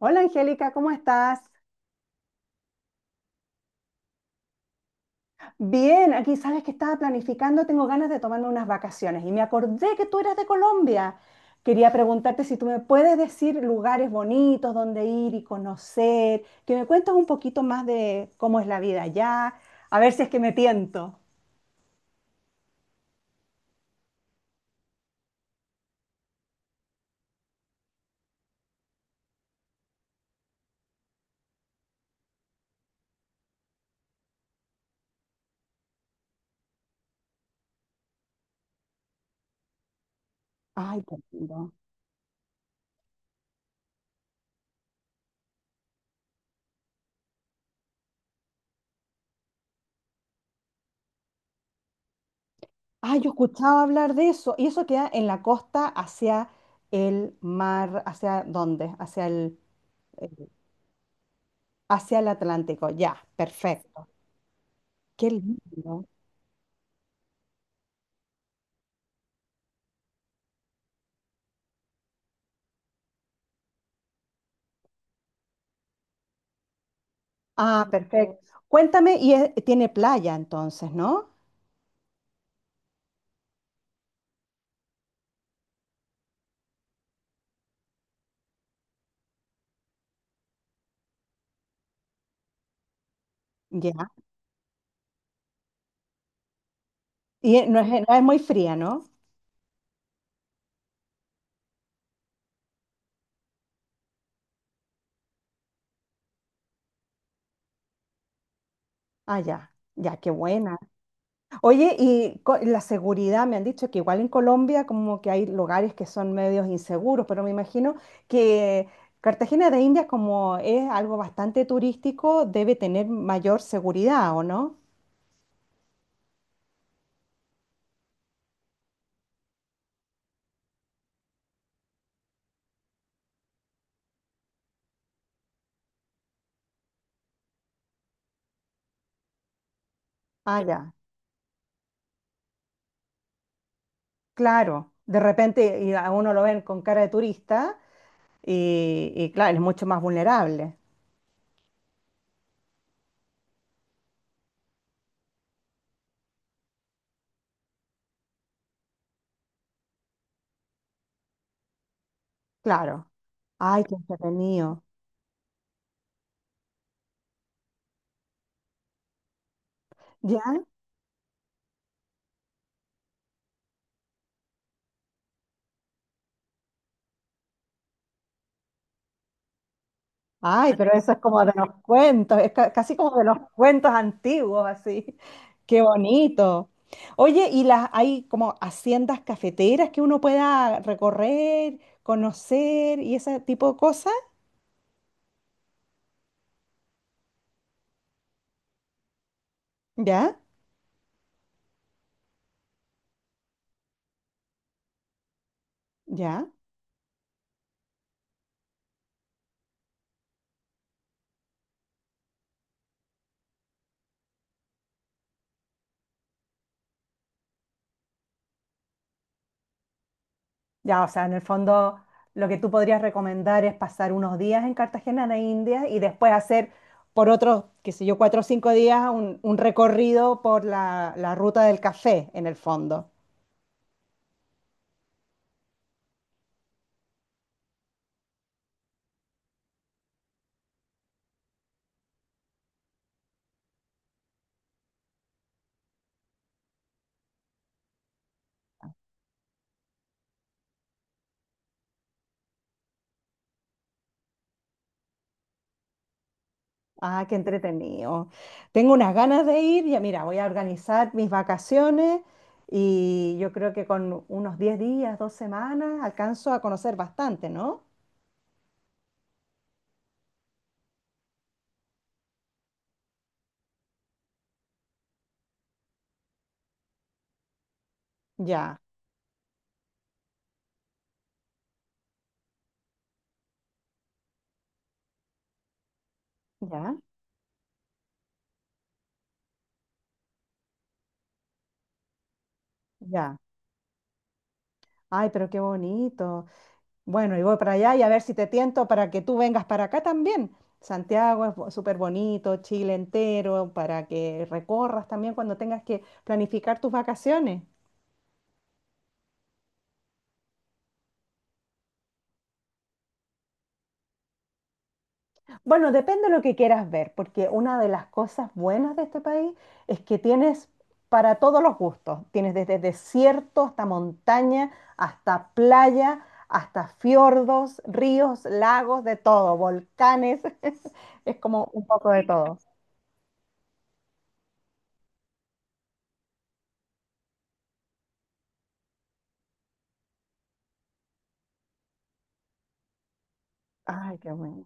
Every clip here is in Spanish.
Hola Angélica, ¿cómo estás? Bien, aquí sabes que estaba planificando, tengo ganas de tomarme unas vacaciones y me acordé que tú eras de Colombia. Quería preguntarte si tú me puedes decir lugares bonitos donde ir y conocer, que me cuentes un poquito más de cómo es la vida allá, a ver si es que me tiento. Ay, qué lindo. Ay, yo escuchaba hablar de eso y eso queda en la costa hacia el mar, ¿hacia dónde? El- Hacia el Atlántico. Ya, perfecto. Qué lindo. Ah, perfecto. Cuéntame, y tiene playa entonces, ¿no? Ya. Y no es muy fría, ¿no? Ah, ya. Ya, qué buena. Oye, y la seguridad, me han dicho que igual en Colombia como que hay lugares que son medios inseguros, pero me imagino que Cartagena de Indias como es algo bastante turístico, debe tener mayor seguridad, ¿o no? Ah, ya. Claro. De repente y a uno lo ven con cara de turista y claro, es mucho más vulnerable. Claro. Ay, qué entretenido. ¿Ya? Ay, pero eso es como de los cuentos, es casi como de los cuentos antiguos, así. Qué bonito. Oye, ¿y las hay como haciendas cafeteras que uno pueda recorrer, conocer y ese tipo de cosas? ¿Ya? ¿Ya? Ya, o sea, en el fondo lo que tú podrías recomendar es pasar unos días en Cartagena de Indias y después hacer por otros, qué sé yo, 4 o 5 días un recorrido por la ruta del café, en el fondo. Ah, qué entretenido. Tengo unas ganas de ir, ya mira, voy a organizar mis vacaciones y yo creo que con unos 10 días, 2 semanas, alcanzo a conocer bastante, ¿no? Ya, ya, ya. Ay, pero qué bonito. Bueno, y voy para allá y a ver si te tiento para que tú vengas para acá también. Santiago es súper bonito, Chile entero, para que recorras también cuando tengas que planificar tus vacaciones. Bueno, depende de lo que quieras ver, porque una de las cosas buenas de este país es que tienes para todos los gustos. Tienes desde desierto hasta montaña, hasta playa, hasta fiordos, ríos, lagos, de todo, volcanes. Es como un poco de todo. Ay, qué bueno.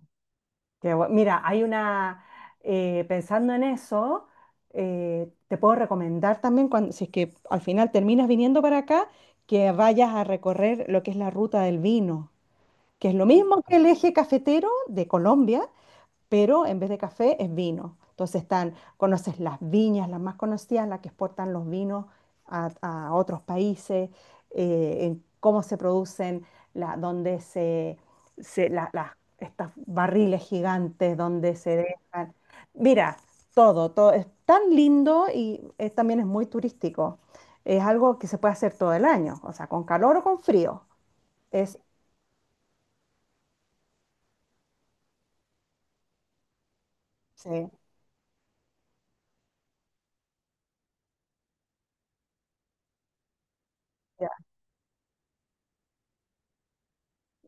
Mira, pensando en eso, te puedo recomendar también, cuando, si es que al final terminas viniendo para acá, que vayas a recorrer lo que es la ruta del vino. Que es lo mismo que el eje cafetero de Colombia, pero en vez de café es vino. Entonces están, conoces las viñas, las más conocidas, las que exportan los vinos a otros países, en cómo se producen, donde estos barriles gigantes, donde se dejan. Mira, todo es tan lindo y también es muy turístico. Es algo que se puede hacer todo el año, o sea, con calor o con frío. Es, sí.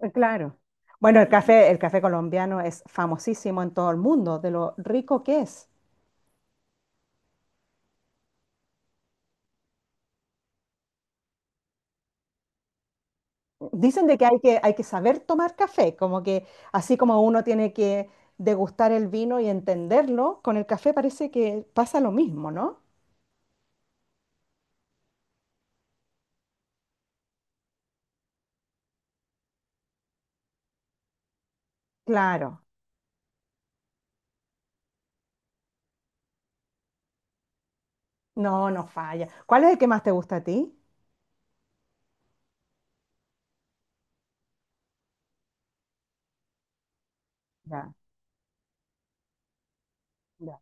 Claro. Bueno, el café, colombiano es famosísimo en todo el mundo, de lo rico que es. Dicen de que hay que saber tomar café, como que así como uno tiene que degustar el vino y entenderlo, con el café parece que pasa lo mismo, ¿no? Claro, no, no falla. ¿Cuál es el que más te gusta a ti? Ya, ya.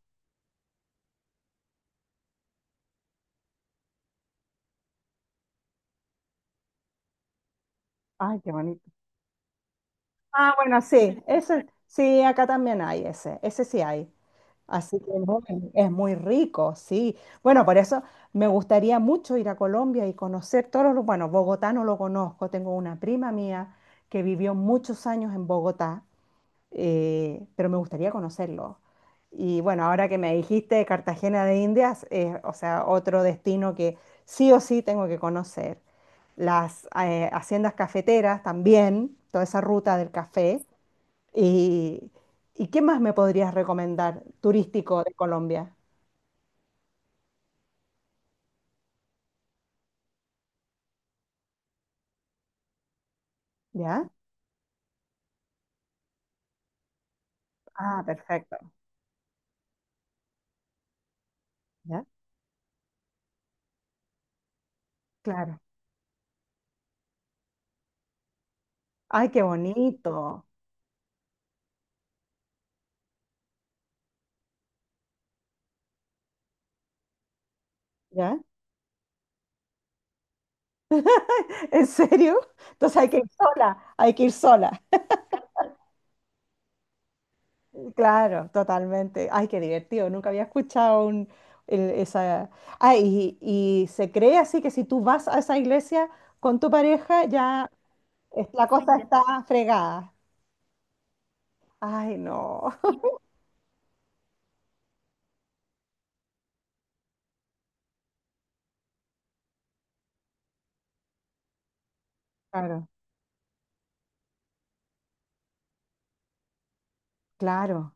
Ay, qué bonito. Ah, bueno, sí, ese, sí, acá también hay ese, ese sí hay. Así que no, es muy rico, sí. Bueno, por eso me gustaría mucho ir a Colombia y conocer Bueno, Bogotá no lo conozco, tengo una prima mía que vivió muchos años en Bogotá, pero me gustaría conocerlo. Y bueno, ahora que me dijiste Cartagena de Indias, o sea, otro destino que sí o sí tengo que conocer. Las haciendas cafeteras también, toda esa ruta del café. ¿Y, ¿y qué más me podrías recomendar turístico de Colombia? ¿Ya? Ah, perfecto. ¿Ya? Claro. Ay, qué bonito. ¿Ya? ¿En serio? Entonces hay que ir sola, hay que ir sola. Claro, totalmente. Ay, qué divertido. Nunca había escuchado el- esa... Ah, y se cree así que si tú vas a esa iglesia con tu pareja, ya la cosa está fregada. Ay, no. Claro. Claro.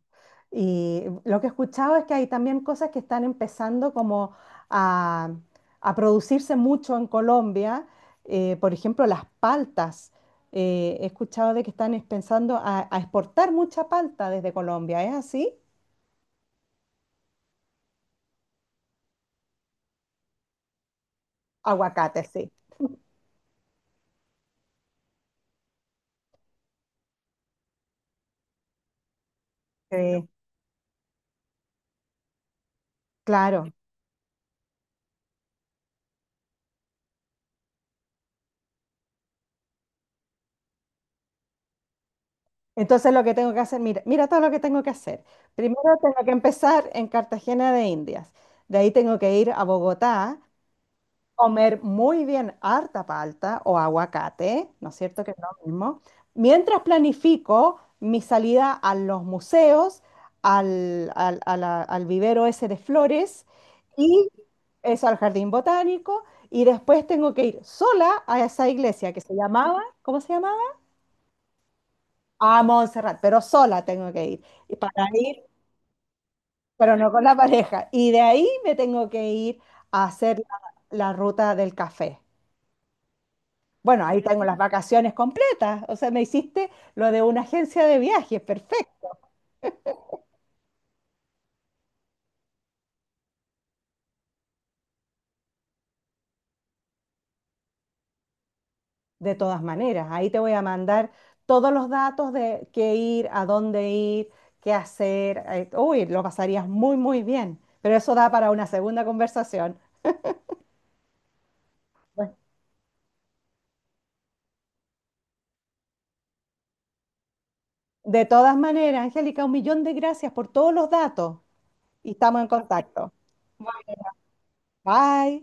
Y lo que he escuchado es que hay también cosas que están empezando como a, a producirse mucho en Colombia. Por ejemplo, las paltas. He escuchado de que están pensando a exportar mucha palta desde Colombia. ¿Es así? Aguacate, sí. Sí, claro. Entonces lo que tengo que hacer, mira, mira todo lo que tengo que hacer. Primero tengo que empezar en Cartagena de Indias. De ahí tengo que ir a Bogotá comer muy bien harta palta o aguacate, ¿no es cierto que es lo mismo? Mientras planifico mi salida a los museos, al vivero ese de flores y eso al jardín botánico, y después tengo que ir sola a esa iglesia que se llamaba, ¿cómo se llamaba? A Montserrat, pero sola tengo que ir. Y para ir, pero no con la pareja. Y de ahí me tengo que ir a hacer la ruta del café. Bueno, ahí tengo las vacaciones completas. O sea, me hiciste lo de una agencia de viajes, perfecto. De todas maneras, ahí te voy a mandar todos los datos de qué ir, a dónde ir, qué hacer. Uy, lo pasarías muy, muy bien. Pero eso da para una segunda conversación. Bueno, de todas maneras, Angélica, un millón de gracias por todos los datos y estamos en contacto. Bye.